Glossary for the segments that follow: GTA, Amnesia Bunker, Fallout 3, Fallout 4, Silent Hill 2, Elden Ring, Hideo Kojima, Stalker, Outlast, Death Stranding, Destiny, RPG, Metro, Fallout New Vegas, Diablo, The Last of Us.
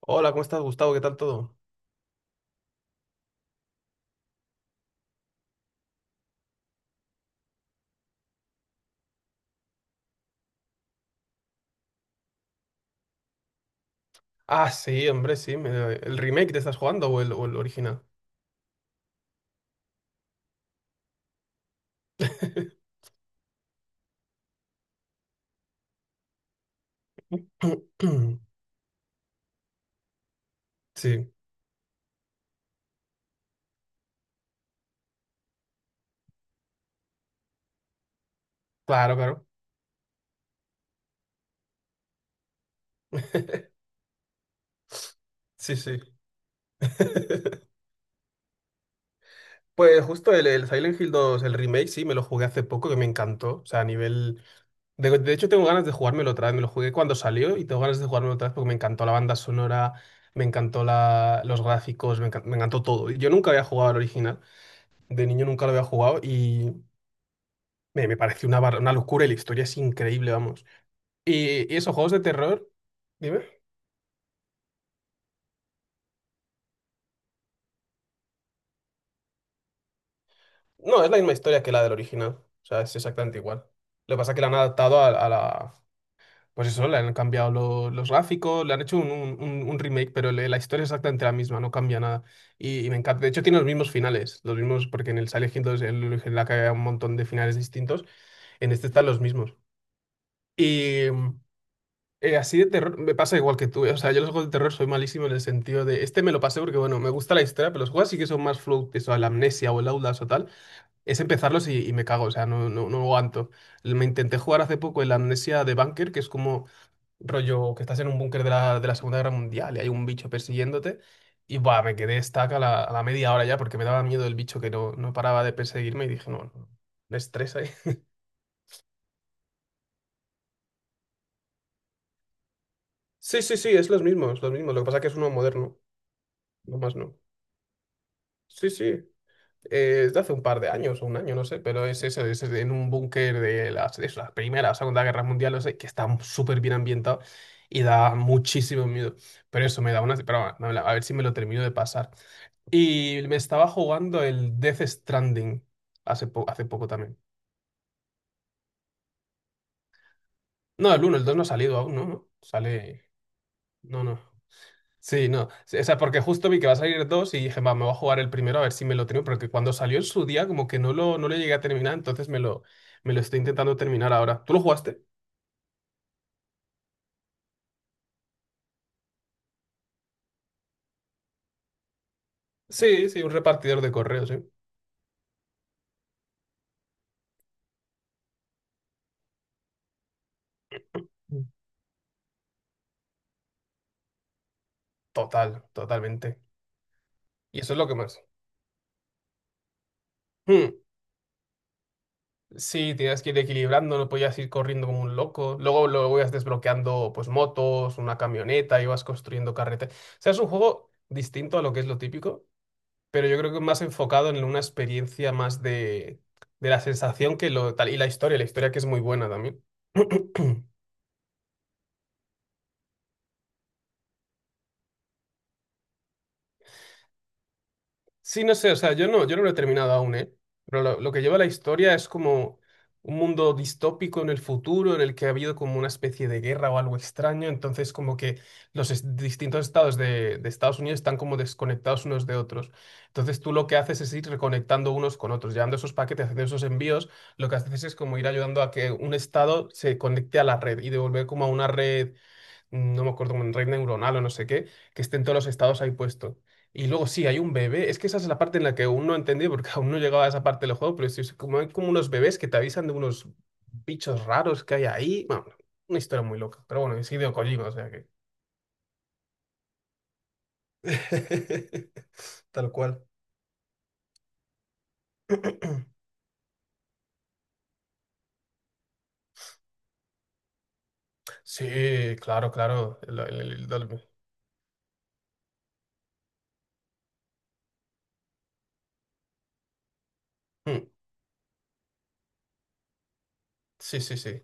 Hola, ¿cómo estás, Gustavo? ¿Qué tal todo? Ah, sí, hombre, sí. ¿El remake te estás jugando o el original? Sí, claro, claro. Sí, sí. Pues justo el Silent Hill 2, el remake, sí, me lo jugué hace poco, que me encantó. O sea, a nivel... De hecho, tengo ganas de jugármelo otra vez. Me lo jugué cuando salió y tengo ganas de jugármelo otra vez porque me encantó la banda sonora, me encantó la, los gráficos, me encantó todo. Yo nunca había jugado al original. De niño nunca lo había jugado y... Me parece una locura y la historia es increíble, vamos. ¿Y esos juegos de terror? Dime. No, es la misma historia que la del original. O sea, es exactamente igual. Lo que pasa es que la han adaptado a la... Pues eso, le han cambiado los gráficos, le han hecho un, un remake, pero la historia es exactamente la misma, no cambia nada. Y me encanta. De hecho, tiene los mismos finales, los mismos, porque en el Silent Hill 2, el original que había un montón de finales distintos, en este están los mismos. y Así de terror, me pasa igual que tú. O sea, yo los juegos de terror soy malísimo en el sentido de. Este me lo pasé porque, bueno, me gusta la historia, pero los juegos sí que son más float, eso, la amnesia o el Outlast o tal. Es empezarlos y me cago, o sea, no, no, no aguanto. Me intenté jugar hace poco el Amnesia de Bunker, que es como rollo que estás en un búnker de la Segunda Guerra Mundial y hay un bicho persiguiéndote. Y buah, me quedé estaca a la media hora ya porque me daba miedo el bicho que no, no paraba de perseguirme y dije, no, no, me estresa. Sí, sí, sí, es los mismos, los mismos. Lo que pasa es que es uno moderno, no más no. Sí, sí. Es de hace un par de años o un año, no sé, pero es eso, es en un búnker de las, de la Primera o Segunda Guerra Mundial, no sé, que está súper bien ambientado y da muchísimo miedo. Pero eso me da una... Pero bueno, a ver si me lo termino de pasar. Y me estaba jugando el Death Stranding hace, hace poco también. No, el uno el 2 no ha salido aún, ¿no? No, sale... No, no. Sí, no. Sí, o sea, porque justo vi que va a salir dos y dije, va, me voy a jugar el primero a ver si me lo termino, porque cuando salió en su día como que no lo, no lo llegué a terminar, entonces me lo estoy intentando terminar ahora. ¿Tú lo jugaste? Sí, sí, un repartidor de correos, ¿eh? Mm. Total, totalmente. Y eso es lo que más. Hmm. Sí, tienes que ir equilibrando, no podías ir corriendo como un loco. Luego luego ibas desbloqueando pues motos, una camioneta, ibas construyendo carreteras. O sea, es un juego distinto a lo que es lo típico, pero yo creo que más enfocado en una experiencia más de la sensación que lo tal. Y la historia que es muy buena también. Sí, no sé, o sea, yo no, yo no lo he terminado aún, ¿eh? Pero lo que lleva la historia es como un mundo distópico en el futuro en el que ha habido como una especie de guerra o algo extraño, entonces como que distintos estados de Estados Unidos están como desconectados unos de otros. Entonces tú lo que haces es ir reconectando unos con otros, llevando esos paquetes, haciendo esos envíos, lo que haces es como ir ayudando a que un estado se conecte a la red y devolver como a una red, no me acuerdo, como en red neuronal o no sé qué, que estén todos los estados ahí puestos. Y luego sí, hay un bebé. Es que esa es la parte en la que aún no entendí, porque aún no llegaba a esa parte del juego, pero sí, es como hay como unos bebés que te avisan de unos bichos raros que hay ahí. Bueno, una historia muy loca. Pero bueno, es Hideo Kojima, o sea que. Tal cual. Sí, claro, claro. El- el- Mm, sí, sí, sí.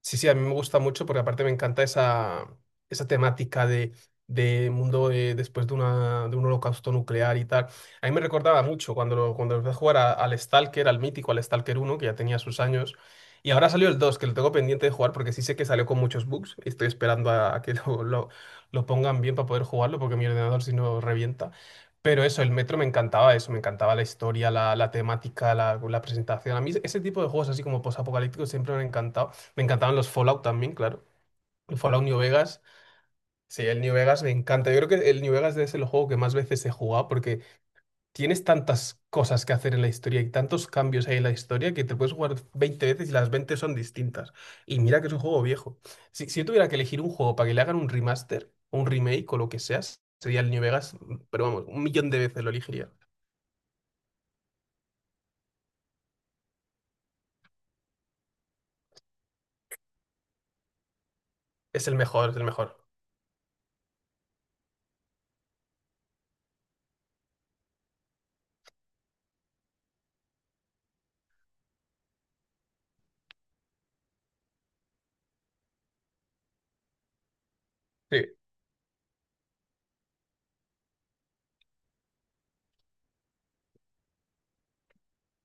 Sí, sí, a mí me gusta mucho porque aparte me encanta esa, esa temática de, después de, una, de un holocausto nuclear y tal. A mí me recordaba mucho cuando, cuando empecé a jugar al Stalker, al mítico, al Stalker uno que ya tenía sus años. Y ahora salió el 2 que lo tengo pendiente de jugar porque sí sé que salió con muchos bugs. Estoy esperando a que lo pongan bien para poder jugarlo porque mi ordenador si no revienta. Pero eso, el Metro me encantaba eso, me encantaba la historia, la temática, la presentación. A mí ese tipo de juegos así como posapocalípticos siempre me han encantado. Me encantaban los Fallout también, claro. El Fallout New Vegas. Sí, el New Vegas me encanta. Yo creo que el New Vegas es el juego que más veces he jugado porque tienes tantas cosas que hacer en la historia y tantos cambios hay en la historia que te puedes jugar 20 veces y las 20 son distintas. Y mira que es un juego viejo. Si, si yo tuviera que elegir un juego para que le hagan un remaster, un remake o lo que sea, sería el New Vegas, pero vamos, un millón de veces lo elegiría. Es el mejor, es el mejor. Sí.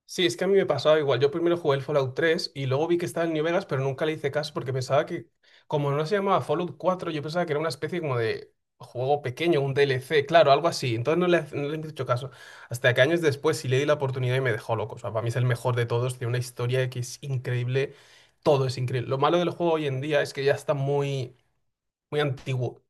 Sí, es que a mí me pasaba igual. Yo primero jugué el Fallout 3 y luego vi que estaba el New Vegas, pero nunca le hice caso porque pensaba que, como no se llamaba Fallout 4, yo pensaba que era una especie como de juego pequeño, un DLC, claro, algo así. Entonces no le, no le he hecho caso. Hasta que años después sí le di la oportunidad y me dejó loco. O sea, para mí es el mejor de todos, tiene una historia que es increíble, todo es increíble. Lo malo del juego hoy en día es que ya está muy, muy antiguo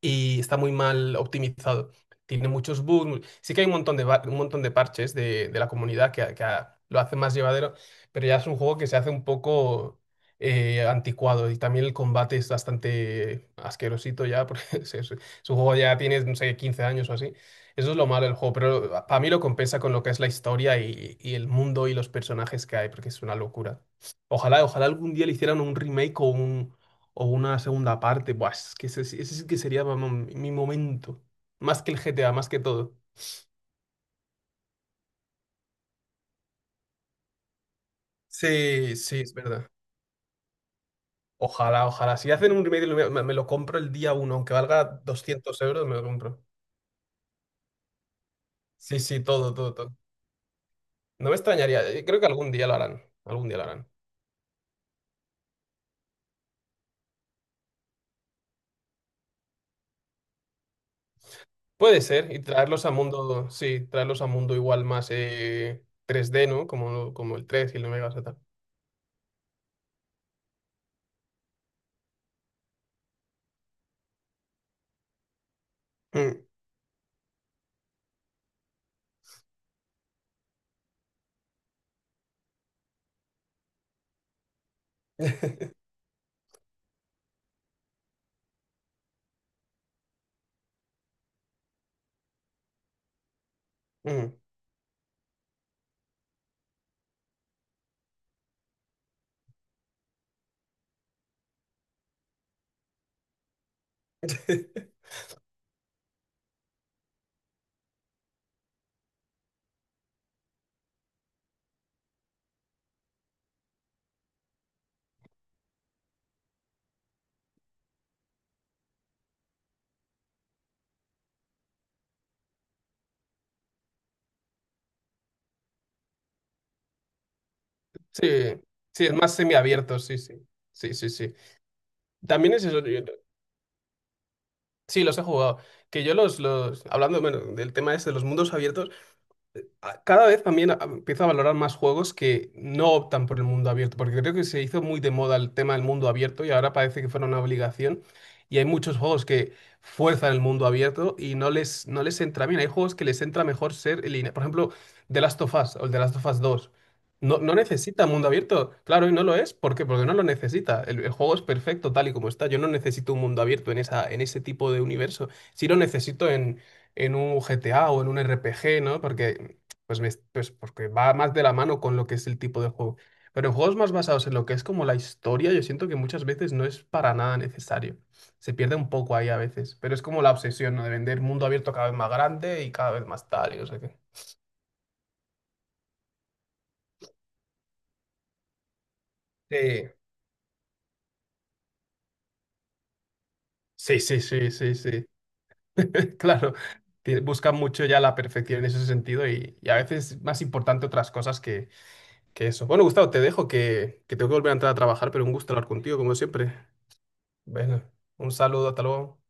y está muy mal optimizado. Tiene muchos bugs. Sí que hay un montón de, un montón de parches de la comunidad que, lo hace más llevadero, pero ya es un juego que se hace un poco anticuado y también el combate es bastante asquerosito ya, porque su juego ya tiene, no sé, 15 años o así. Eso es lo malo del juego, pero para mí lo compensa con lo que es la historia y el mundo y los personajes que hay, porque es una locura. Ojalá, ojalá algún día le hicieran un remake o una segunda parte. Buah, es que ese sí que sería vamos, mi momento. Más que el GTA, más que todo. Sí, sí, es verdad. Ojalá, ojalá. Si hacen un remake, me, me lo compro el día uno, aunque valga 200 euros, me lo compro. Sí, sí, todo, todo, todo. No me extrañaría. Creo que algún día lo harán. Algún día lo harán. Puede ser. Y traerlos a mundo, sí, traerlos a mundo igual más 3D, ¿no? Como, como el 3 y el 9 Megas y tal. Mm. Mm. Sí, sí, es más semiabierto, sí, sí. Sí, sí, sí. También es eso. Sí, los he jugado. Que yo los, hablando, bueno, del tema ese de los mundos abiertos, cada vez también empiezo a valorar más juegos que no optan por el mundo abierto, porque creo que se hizo muy de moda el tema del mundo abierto y ahora parece que fuera una obligación. Y hay muchos juegos que fuerzan el mundo abierto y no les, no les entra bien. Hay juegos que les entra mejor ser en línea. Por ejemplo, The Last of Us o el The Last of Us dos. No, no necesita mundo abierto. Claro, y no lo es. ¿Por qué? Porque no lo necesita. El juego es perfecto tal y como está. Yo no necesito un mundo abierto en esa, en ese tipo de universo. Sí lo necesito en un GTA o en un RPG, ¿no? Porque pues porque va más de la mano con lo que es el tipo de juego. Pero en juegos más basados en lo que es como la historia, yo siento que muchas veces no es para nada necesario. Se pierde un poco ahí a veces, pero es como la obsesión, ¿no? De vender mundo abierto cada vez más grande y cada vez más tal, y no sé qué. Sí, sí, sí, sí, sí. sí. Claro, buscan mucho ya la perfección en ese sentido y a veces es más importante otras cosas que eso. Bueno, Gustavo, te dejo que tengo que volver a entrar a trabajar, pero un gusto hablar contigo, como siempre. Bueno, un saludo, hasta luego.